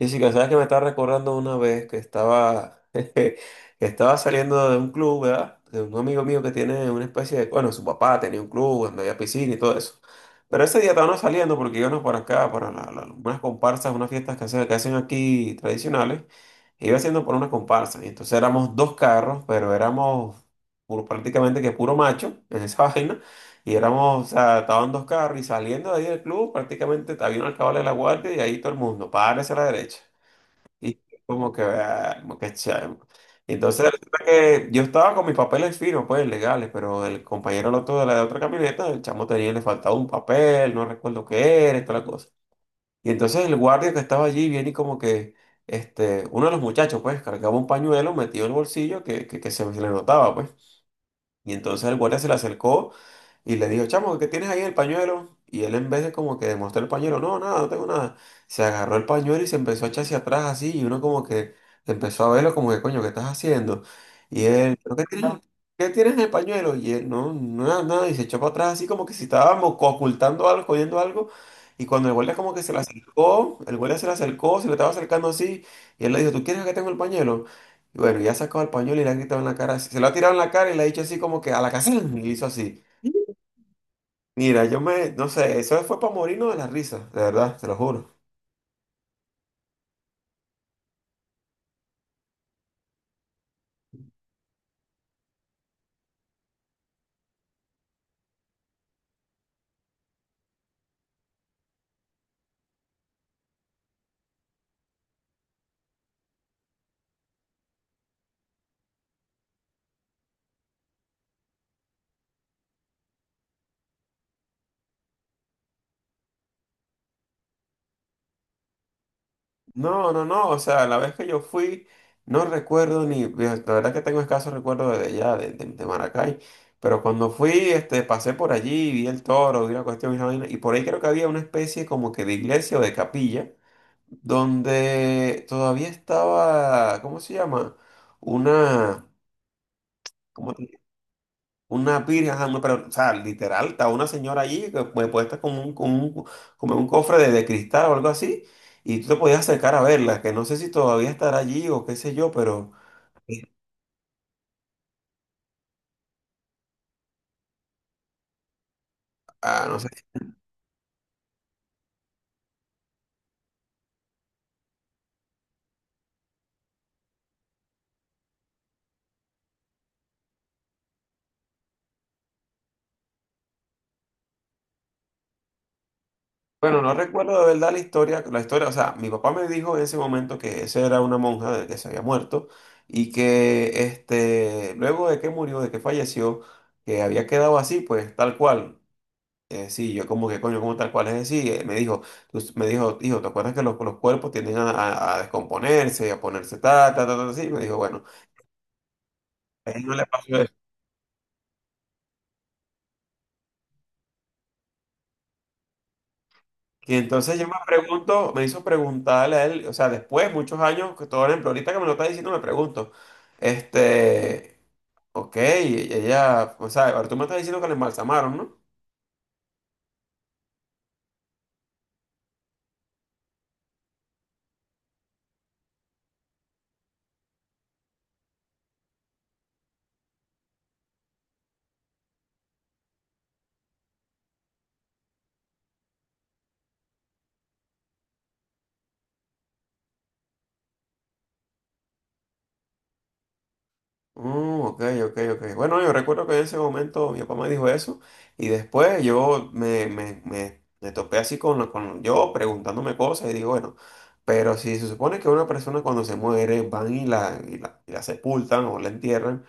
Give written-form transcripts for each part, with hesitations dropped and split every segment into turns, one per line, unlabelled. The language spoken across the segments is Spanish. Y Jessica, sabes que me estaba recordando una vez que estaba, que estaba saliendo de un club, ¿verdad? De un amigo mío que tiene una especie de, bueno, su papá tenía un club donde había piscina y todo eso. Pero ese día estábamos saliendo porque íbamos para acá, para unas comparsas, unas fiestas que hacen, aquí tradicionales. E iba haciendo por una comparsa. Y entonces éramos dos carros, pero éramos prácticamente que puro macho en esa vaina. Y éramos, o sea, estaban dos carros y saliendo de ahí del club, prácticamente había un alcalde de la guardia y ahí todo el mundo, párese a la derecha. Y como que, ah, como que chamo. Entonces, resulta que yo estaba con mis papeles finos, pues legales, pero el compañero el otro de la otra camioneta, el chamo tenía, le faltaba un papel, no recuerdo qué era, y toda la cosa. Y entonces el guardia que estaba allí viene y como que, uno de los muchachos, pues, cargaba un pañuelo metido en el bolsillo que se le notaba, pues. Y entonces el guardia se le acercó. Y le dijo, chamo, ¿qué tienes ahí el pañuelo? Y él en vez de como que demostrar el pañuelo, no, nada, no tengo nada. Se agarró el pañuelo y se empezó a echar hacia atrás así y uno como que empezó a verlo como que, coño, ¿qué estás haciendo? Y él, "¿Pero qué tienes en el pañuelo?" Y él, no, nada, nada. Y se echó para atrás así como que si estábamos ocultando algo, escondiendo algo. Y cuando el guardia como que se le acercó, se le estaba acercando así. Y él le dijo, ¿tú quieres que tengo el pañuelo? Y bueno, ya sacó el pañuelo y le ha gritado en la cara, así- se lo ha tirado en la cara y le ha dicho así como que a la casa, y hizo así. Mira, yo me, no sé, eso fue para morirnos de la risa, de verdad, te lo juro. No, no, no, o sea, la vez que yo fui, no recuerdo ni, la verdad que tengo escaso recuerdo de allá, de Maracay, pero cuando fui, pasé por allí, vi el toro, vi la cuestión y la vaina, y por ahí creo que había una especie como que de iglesia o de capilla, donde todavía estaba, ¿cómo se llama? Una, ¿cómo? Una pira, ajá, no, pero, o sea, literal, está una señora allí que pues, puesta como en un cofre de cristal o algo así, y tú te podías acercar a verla, que no sé si todavía estará allí o qué sé yo, pero, eh, ah, no sé. Bueno, no recuerdo de verdad la historia, o sea, mi papá me dijo en ese momento que esa era una monja de- que se había muerto y que, luego de que murió, de que falleció, que había quedado así, pues, tal cual. Sí, yo como que coño, como tal cual es decir, me dijo, me dijo, hijo, ¿te acuerdas que los cuerpos tienden a, a descomponerse, a ponerse tal, tal, tal, tal, así? Me dijo, bueno, a él no le pasó eso. Y entonces yo me pregunto, me hizo preguntarle a él, o sea, después, muchos años, que todo por ejemplo, ahorita que me lo está diciendo, me pregunto, este, ok, ella, o sea, ahora tú me estás diciendo que la embalsamaron, ¿no? Mm, ok, ok, ok. Bueno, yo recuerdo que en ese momento mi papá me dijo eso y después yo me topé así con, con yo preguntándome cosas y digo, bueno, pero si se supone que una persona cuando se muere van y la sepultan o la entierran,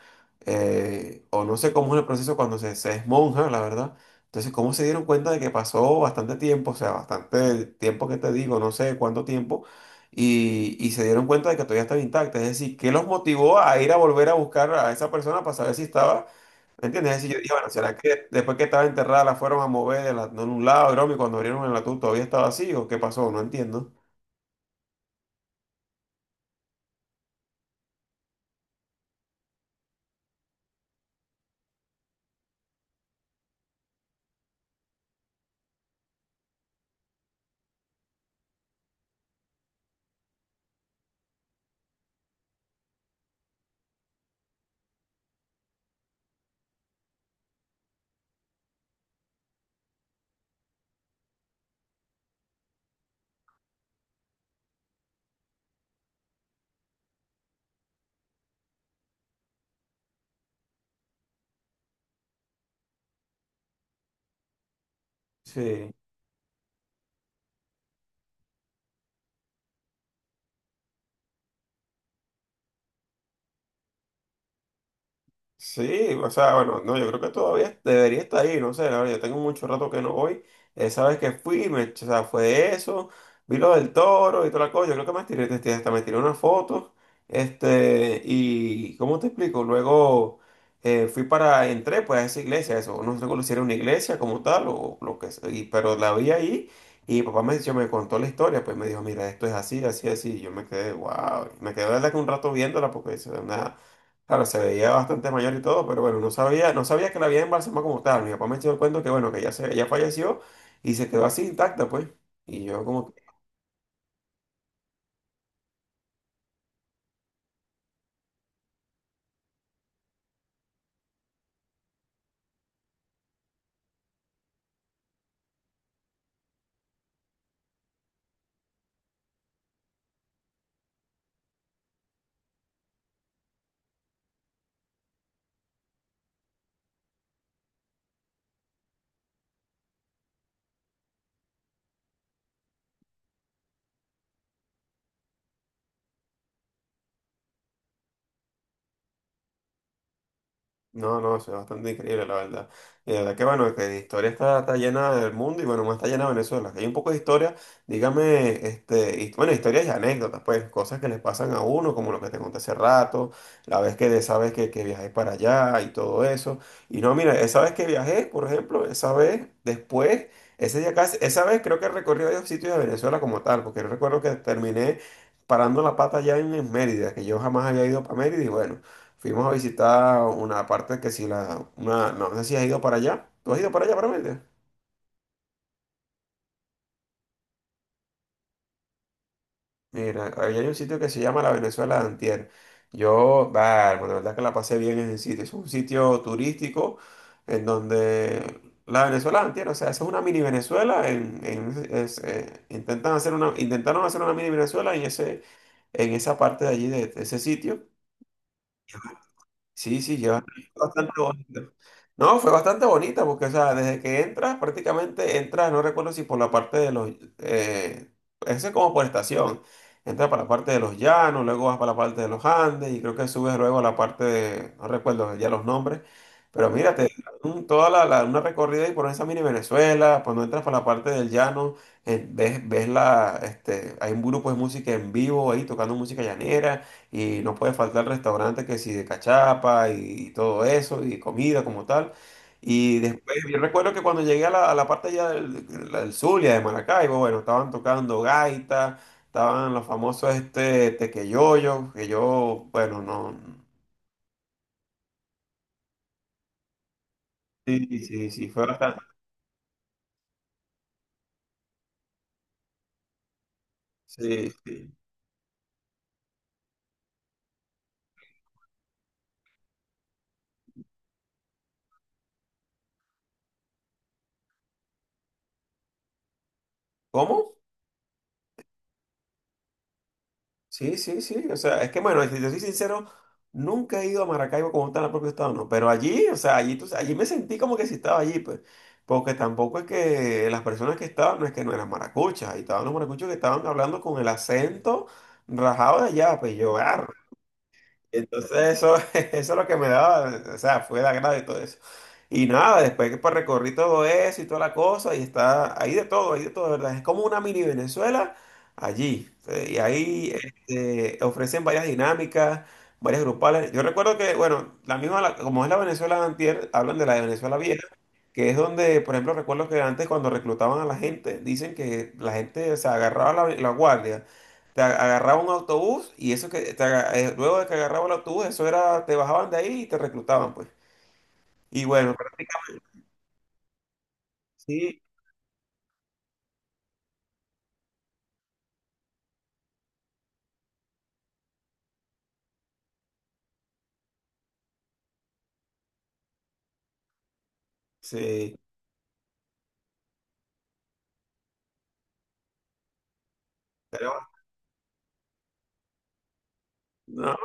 o no sé cómo es el proceso cuando se es monja, la verdad. Entonces, ¿cómo se dieron cuenta de que pasó bastante tiempo? O sea, bastante tiempo que te digo, no sé cuánto tiempo y se dieron cuenta de que todavía estaba intacta. Es decir, ¿qué los motivó a ir a volver a buscar a esa persona para saber si estaba? ¿Me entiendes? Es decir, yo dije, bueno, ¿será que después que estaba enterrada la fueron a mover de de un lado, broma, y cuando abrieron el ataúd todavía estaba así o qué pasó? No entiendo. Sí. Sí, o sea, bueno, no, yo creo que todavía debería estar ahí, no sé, la verdad, yo tengo mucho rato que no voy. Esa vez que fui, me, o sea, fue eso, vi lo del toro y toda la cosa, yo creo que me tiré, hasta me tiré una foto, y, ¿cómo te explico? Luego fui para, entré pues a esa iglesia, eso, no sé si era una iglesia como tal o lo que sea, y- pero la vi ahí y papá dijo me contó la historia, pues me dijo, mira, esto es así, así, así, y yo me quedé, wow, me quedé, la verdad, que un rato viéndola porque es. Claro, se veía bastante mayor y todo, pero bueno, no sabía, no sabía que la había embalsamado como tal. Mi papá me echó el cuento que bueno, que ya se, ella falleció y se quedó así intacta, pues. Y yo como. No, no, eso es bastante increíble, la verdad. Y la verdad que bueno, que de historia está llena del mundo y bueno, más está llena Venezuela. Que hay un poco de historia, dígame, bueno, historias y anécdotas, pues, cosas que les pasan a uno, como lo que te conté hace rato, la vez que de esa vez que viajé para allá y todo eso. Y no, mira, esa vez que viajé, por ejemplo, esa vez después, ese día casi, esa vez creo que recorrí varios sitios de Venezuela como tal, porque yo recuerdo que terminé parando la pata allá en Mérida, que yo jamás había ido para Mérida y bueno. Fuimos a visitar una parte que si la... Una, no sé si has ido para allá. ¿Tú has ido para allá, para Mérida? Mira, ahí hay un sitio que se llama la Venezuela de Antier. Yo, bueno, de verdad que la pasé bien en ese sitio. Es un sitio turístico en donde la Venezuela de Antier, o sea, esa es una mini Venezuela. Intentan hacer una, intentaron hacer una mini Venezuela en ese, en esa parte de allí, de ese sitio. Sí, sí, lleva bastante bonita. No, fue bastante bonita porque, o sea, desde que entras, prácticamente entras, no recuerdo si por la parte de los, eh, ese es como por estación, entras para la parte de los llanos, luego vas para la parte de los Andes y creo que subes luego a la parte de, no recuerdo ya los nombres, pero mira, te dan toda la, una recorrida y por esa mini Venezuela, cuando entras para la parte del llano, ves, ves la, hay un grupo de música en vivo ahí tocando música llanera. Y no puede faltar el restaurante que si de cachapa y, todo eso, y comida como tal. Y después, yo recuerdo que cuando llegué a la parte ya del Zulia, de Maracaibo, bueno, estaban tocando gaita, estaban los famosos este tequeyoyos, que yo, bueno, no. Sí, sí, sí, fue bastante. Sí, sí. ¿Cómo? Sí, sí, sí. O sea, es que bueno, si te soy sincero, nunca he ido a Maracaibo como está en el propio estado, no. Pero allí, o sea, allí, allí me sentí como que si estaba allí, pues. Porque tampoco es que las personas que estaban, no es que no eran maracuchas, ahí estaban los maracuchos que estaban hablando con el acento rajado de allá, pues yo, "Ah, entonces eso," eso es lo que me daba, o sea, fue el agrado y todo eso. Y nada, después que pues recorrí todo eso y toda la cosa, y está, ahí de todo, de ¿verdad? Es como una mini Venezuela allí. Y ahí ofrecen varias dinámicas, varias grupales. Yo recuerdo que, bueno, la misma, como es la Venezuela de antier, hablan de la de Venezuela vieja que es donde, por ejemplo, recuerdo que antes cuando reclutaban a la gente, dicen que la gente se agarraba la guardia, agarraba un autobús y eso luego de que agarraba el autobús, eso era, te bajaban de ahí y te reclutaban, pues. Y bueno, prácticamente sí, sí, pero no,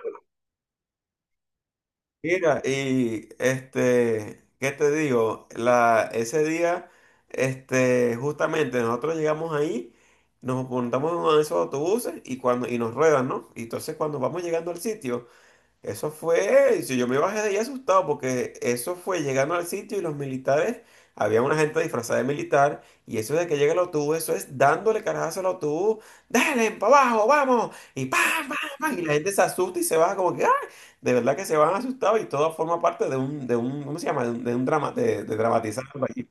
mira, y este, ¿qué te digo? La, ese día, justamente nosotros llegamos ahí. Nos montamos en uno de esos autobuses y cuando y nos ruedan, ¿no? Y entonces cuando vamos llegando al sitio, eso fue, si yo me bajé de ahí asustado porque eso fue llegando al sitio y los militares, había una gente disfrazada de militar y eso de que llega el autobús, eso es dándole carajazo al autobús, dale, para abajo, vamos, y pam, pam, pam, y la gente se asusta y se baja como que, ¡ah! De verdad que se van asustados y todo forma parte de un, ¿cómo se llama? De un drama, de dramatizar algo allí.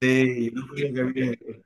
Sí, no fue lo que vi.